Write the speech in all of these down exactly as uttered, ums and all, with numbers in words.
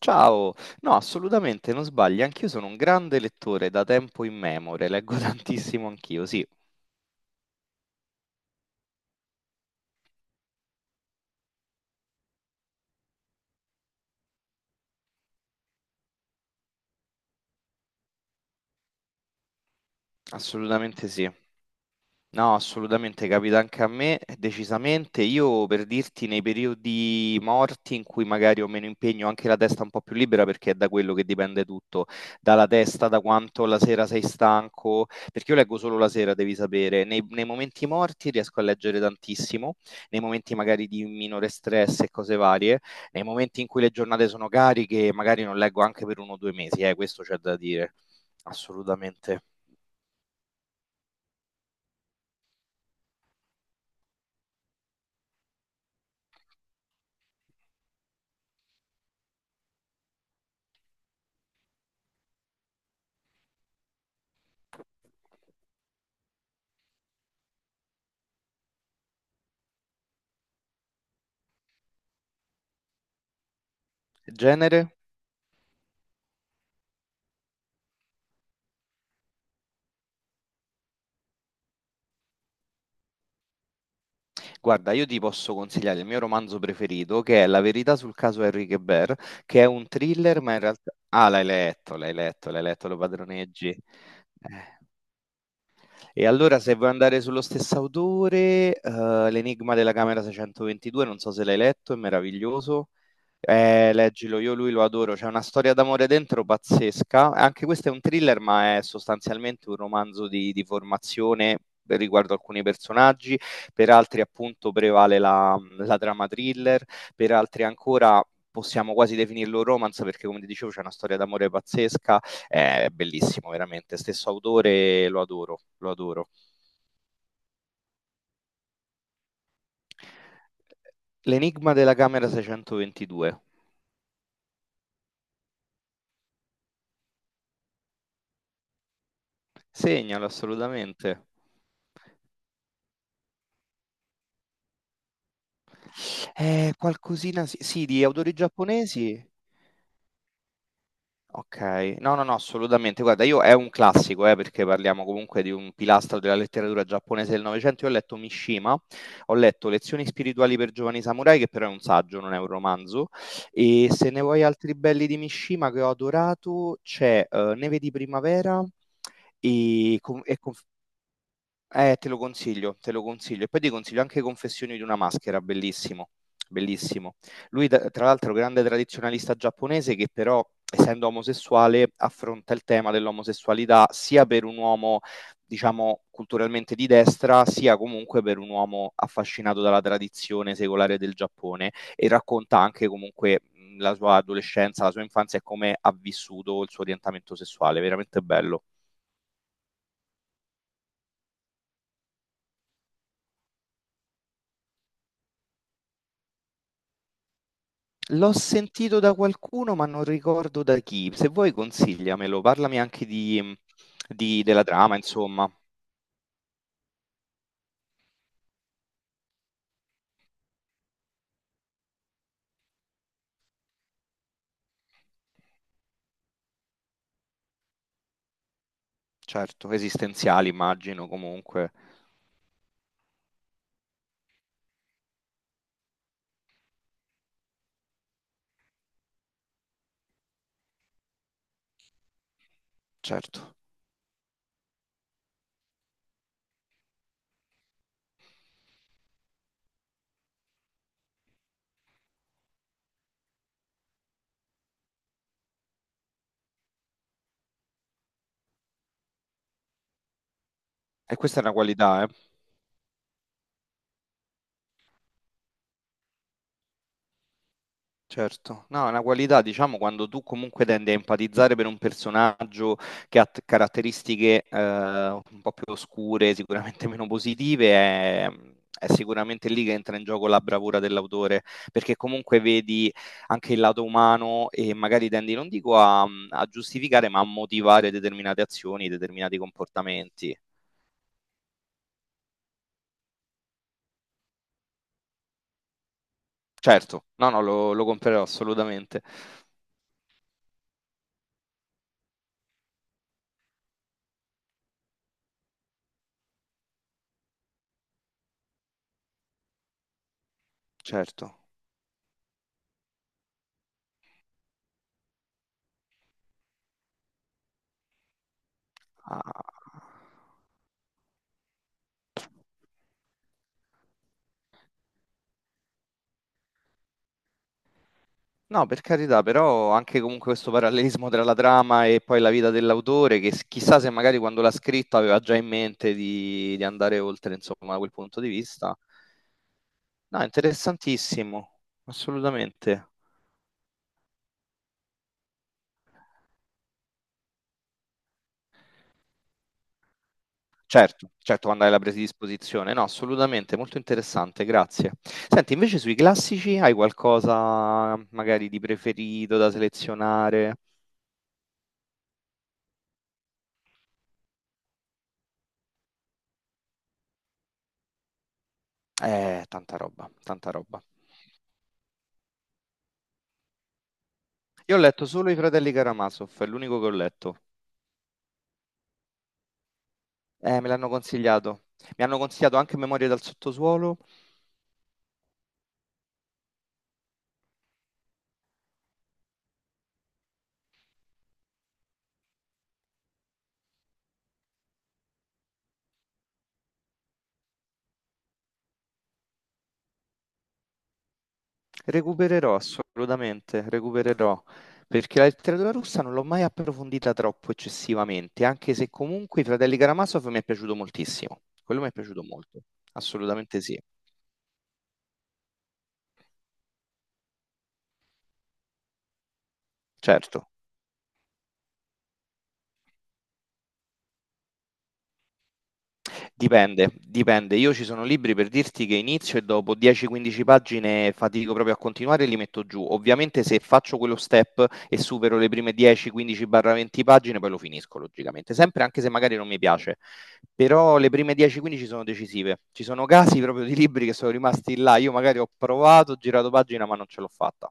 Ciao, no, assolutamente non sbagli, anch'io sono un grande lettore da tempo immemore, leggo tantissimo anch'io, sì, assolutamente sì. No, assolutamente, capita anche a me, eh, decisamente. Io per dirti, nei periodi morti in cui magari ho meno impegno, ho anche la testa un po' più libera perché è da quello che dipende tutto, dalla testa, da quanto la sera sei stanco, perché io leggo solo la sera, devi sapere. Nei, nei momenti morti riesco a leggere tantissimo, nei momenti magari di minore stress e cose varie, nei momenti in cui le giornate sono cariche, magari non leggo anche per uno o due mesi, eh, questo c'è da dire, assolutamente. Genere? Guarda, io ti posso consigliare il mio romanzo preferito, che è La verità sul caso Henri Guebert, che è un thriller, ma in realtà. Ah, l'hai letto, l'hai letto, l'hai letto, lo padroneggi. Eh. E allora se vuoi andare sullo stesso autore, eh, L'enigma della camera seicentoventidue, non so se l'hai letto, è meraviglioso. Eh, leggilo, io lui lo adoro, c'è una storia d'amore dentro pazzesca. Anche questo è un thriller, ma è sostanzialmente un romanzo di, di formazione riguardo alcuni personaggi, per altri appunto prevale la, la trama thriller, per altri ancora possiamo quasi definirlo romance perché come ti dicevo c'è una storia d'amore pazzesca, è bellissimo, veramente. Stesso autore, lo adoro, lo adoro. L'enigma della camera seicentoventidue. Segnalo assolutamente. Eh, qualcosina, sì, sì, di autori giapponesi. Ok, no, no, no, assolutamente. Guarda, io è un classico, eh, perché parliamo comunque di un pilastro della letteratura giapponese del Novecento. Io ho letto Mishima, ho letto Lezioni spirituali per giovani samurai, che però è un saggio, non è un romanzo. E se ne vuoi altri belli di Mishima che ho adorato, c'è eh, Neve di primavera e, con- e Conf- eh, te lo consiglio, te lo consiglio. E poi ti consiglio anche Confessioni di una maschera, bellissimo, bellissimo. Lui, da- tra l'altro, grande tradizionalista giapponese che però, essendo omosessuale, affronta il tema dell'omosessualità sia per un uomo, diciamo, culturalmente di destra, sia comunque per un uomo affascinato dalla tradizione secolare del Giappone e racconta anche comunque mh, la sua adolescenza, la sua infanzia e come ha vissuto il suo orientamento sessuale. Veramente bello. L'ho sentito da qualcuno, ma non ricordo da chi. Se vuoi consigliamelo, parlami anche di, di- della trama, insomma. Certo, esistenziali, immagino, comunque. Certo. E questa è una qualità, eh. Certo, no, è una qualità, diciamo, quando tu comunque tendi a empatizzare per un personaggio che ha t- caratteristiche eh, un po' più oscure, sicuramente meno positive, è, è sicuramente lì che entra in gioco la bravura dell'autore, perché comunque vedi anche il lato umano e magari tendi, non dico a, a giustificare, ma a motivare determinate azioni, determinati comportamenti. Certo, no, no, lo, lo comprerò assolutamente. Certo. Ah. No, per carità, però anche comunque questo parallelismo tra la trama e poi la vita dell'autore, che s- chissà se magari quando l'ha scritto aveva già in mente di, di andare oltre, insomma, da quel punto di vista. No, interessantissimo, assolutamente. Certo, certo, quando hai la predisposizione, no, assolutamente, molto interessante, grazie. Senti, invece sui classici hai qualcosa magari di preferito da selezionare? Eh, tanta roba, tanta roba. Io ho letto solo I Fratelli Karamazov, è l'unico che ho letto. Eh, me l'hanno consigliato. Mi hanno consigliato anche Memorie dal sottosuolo. Recupererò assolutamente, recupererò. Perché la letteratura russa non l'ho mai approfondita troppo eccessivamente, anche se comunque i Fratelli Karamazov mi è piaciuto moltissimo. Quello mi è piaciuto molto, assolutamente sì, certo. Dipende, dipende. Io ci sono libri per dirti che inizio e dopo dieci quindici pagine fatico proprio a continuare e li metto giù. Ovviamente se faccio quello step e supero le prime dieci quindici-venti pagine, poi lo finisco logicamente, sempre anche se magari non mi piace. Però le prime dieci quindici sono decisive. Ci sono casi proprio di libri che sono rimasti là. Io magari ho provato, ho girato pagina, ma non ce l'ho fatta.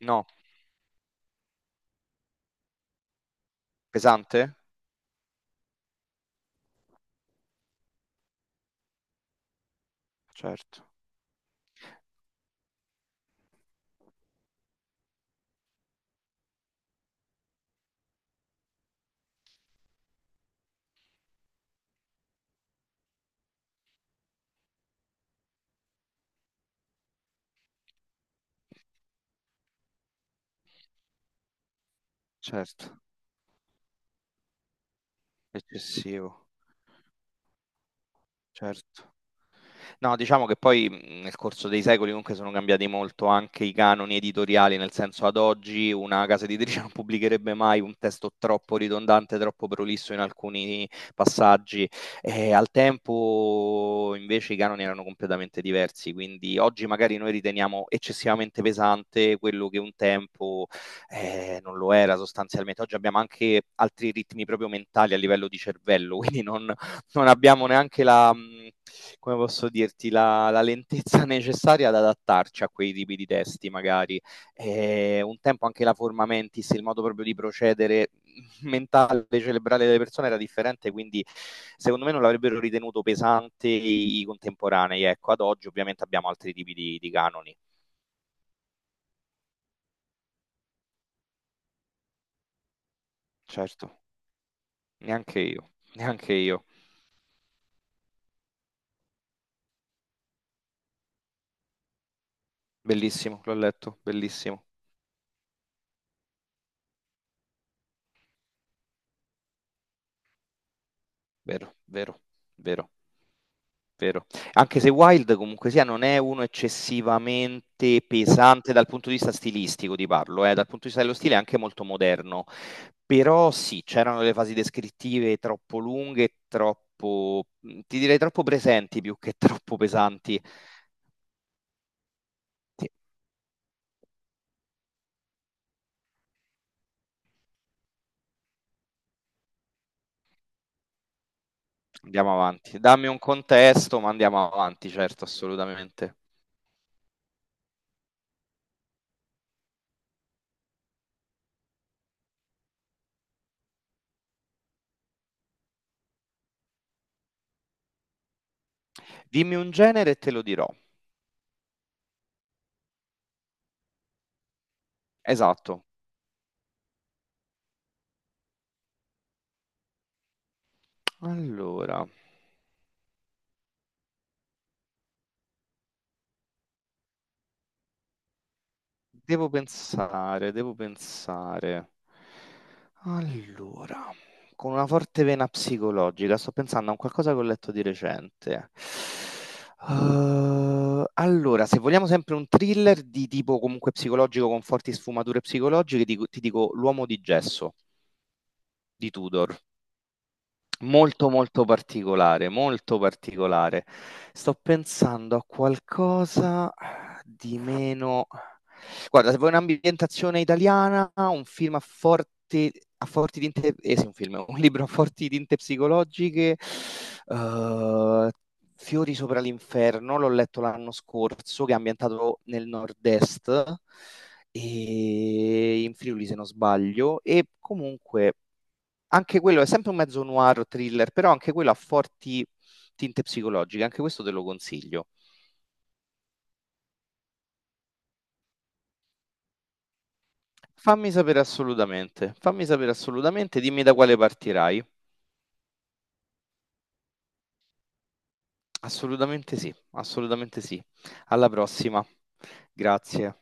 No, pesante? Certo, certo, eccessivo, certo. No, diciamo che poi mh, nel corso dei secoli comunque sono cambiati molto anche i canoni editoriali, nel senso ad oggi una casa editrice non pubblicherebbe mai un testo troppo ridondante, troppo prolisso in alcuni passaggi. E al tempo invece i canoni erano completamente diversi, quindi oggi magari noi riteniamo eccessivamente pesante quello che un tempo eh, non lo era sostanzialmente. Oggi abbiamo anche altri ritmi proprio mentali a livello di cervello, quindi non, non abbiamo neanche la, mh, come posso dirti, la, la lentezza necessaria ad adattarci a quei tipi di testi, magari. Eh, un tempo anche la forma mentis, il modo proprio di procedere mentale, cerebrale delle persone era differente, quindi secondo me non l'avrebbero ritenuto pesante i, i contemporanei. Ecco, ad oggi ovviamente abbiamo altri tipi di, di canoni. Certo, neanche io, neanche io. Bellissimo, l'ho letto, bellissimo. Vero, vero, vero. Vero. Anche se Wild comunque sia non è uno eccessivamente pesante dal punto di vista stilistico, ti parlo, eh, Dal punto di vista dello stile è anche molto moderno, però sì, c'erano delle fasi descrittive troppo lunghe, troppo, ti direi troppo presenti più che troppo pesanti. Sì, Andiamo avanti, dammi un contesto, ma andiamo avanti, certo, assolutamente. Dimmi un genere e te lo dirò. Esatto. Allora, Devo pensare, devo pensare. Allora, con una forte vena psicologica, sto pensando a un qualcosa che ho letto di recente. Eh, allora, se vogliamo sempre un thriller di tipo comunque psicologico con forti sfumature psicologiche, dico- ti dico L'uomo di gesso di Tudor. Molto molto particolare, molto particolare. Sto pensando a qualcosa di meno. Guarda, se vuoi un'ambientazione italiana, un film a forti, a forti tinte. Eh sì, un film, un libro a forti tinte psicologiche, eh, Fiori sopra l'inferno, l'ho letto l'anno scorso, che è ambientato nel nord-est, e in Friuli se non sbaglio, e comunque anche quello è sempre un mezzo noir thriller, però anche quello ha forti tinte psicologiche, anche questo te lo consiglio. Fammi sapere assolutamente, fammi sapere assolutamente, dimmi da quale partirai. Assolutamente sì, assolutamente sì. Alla prossima. Grazie.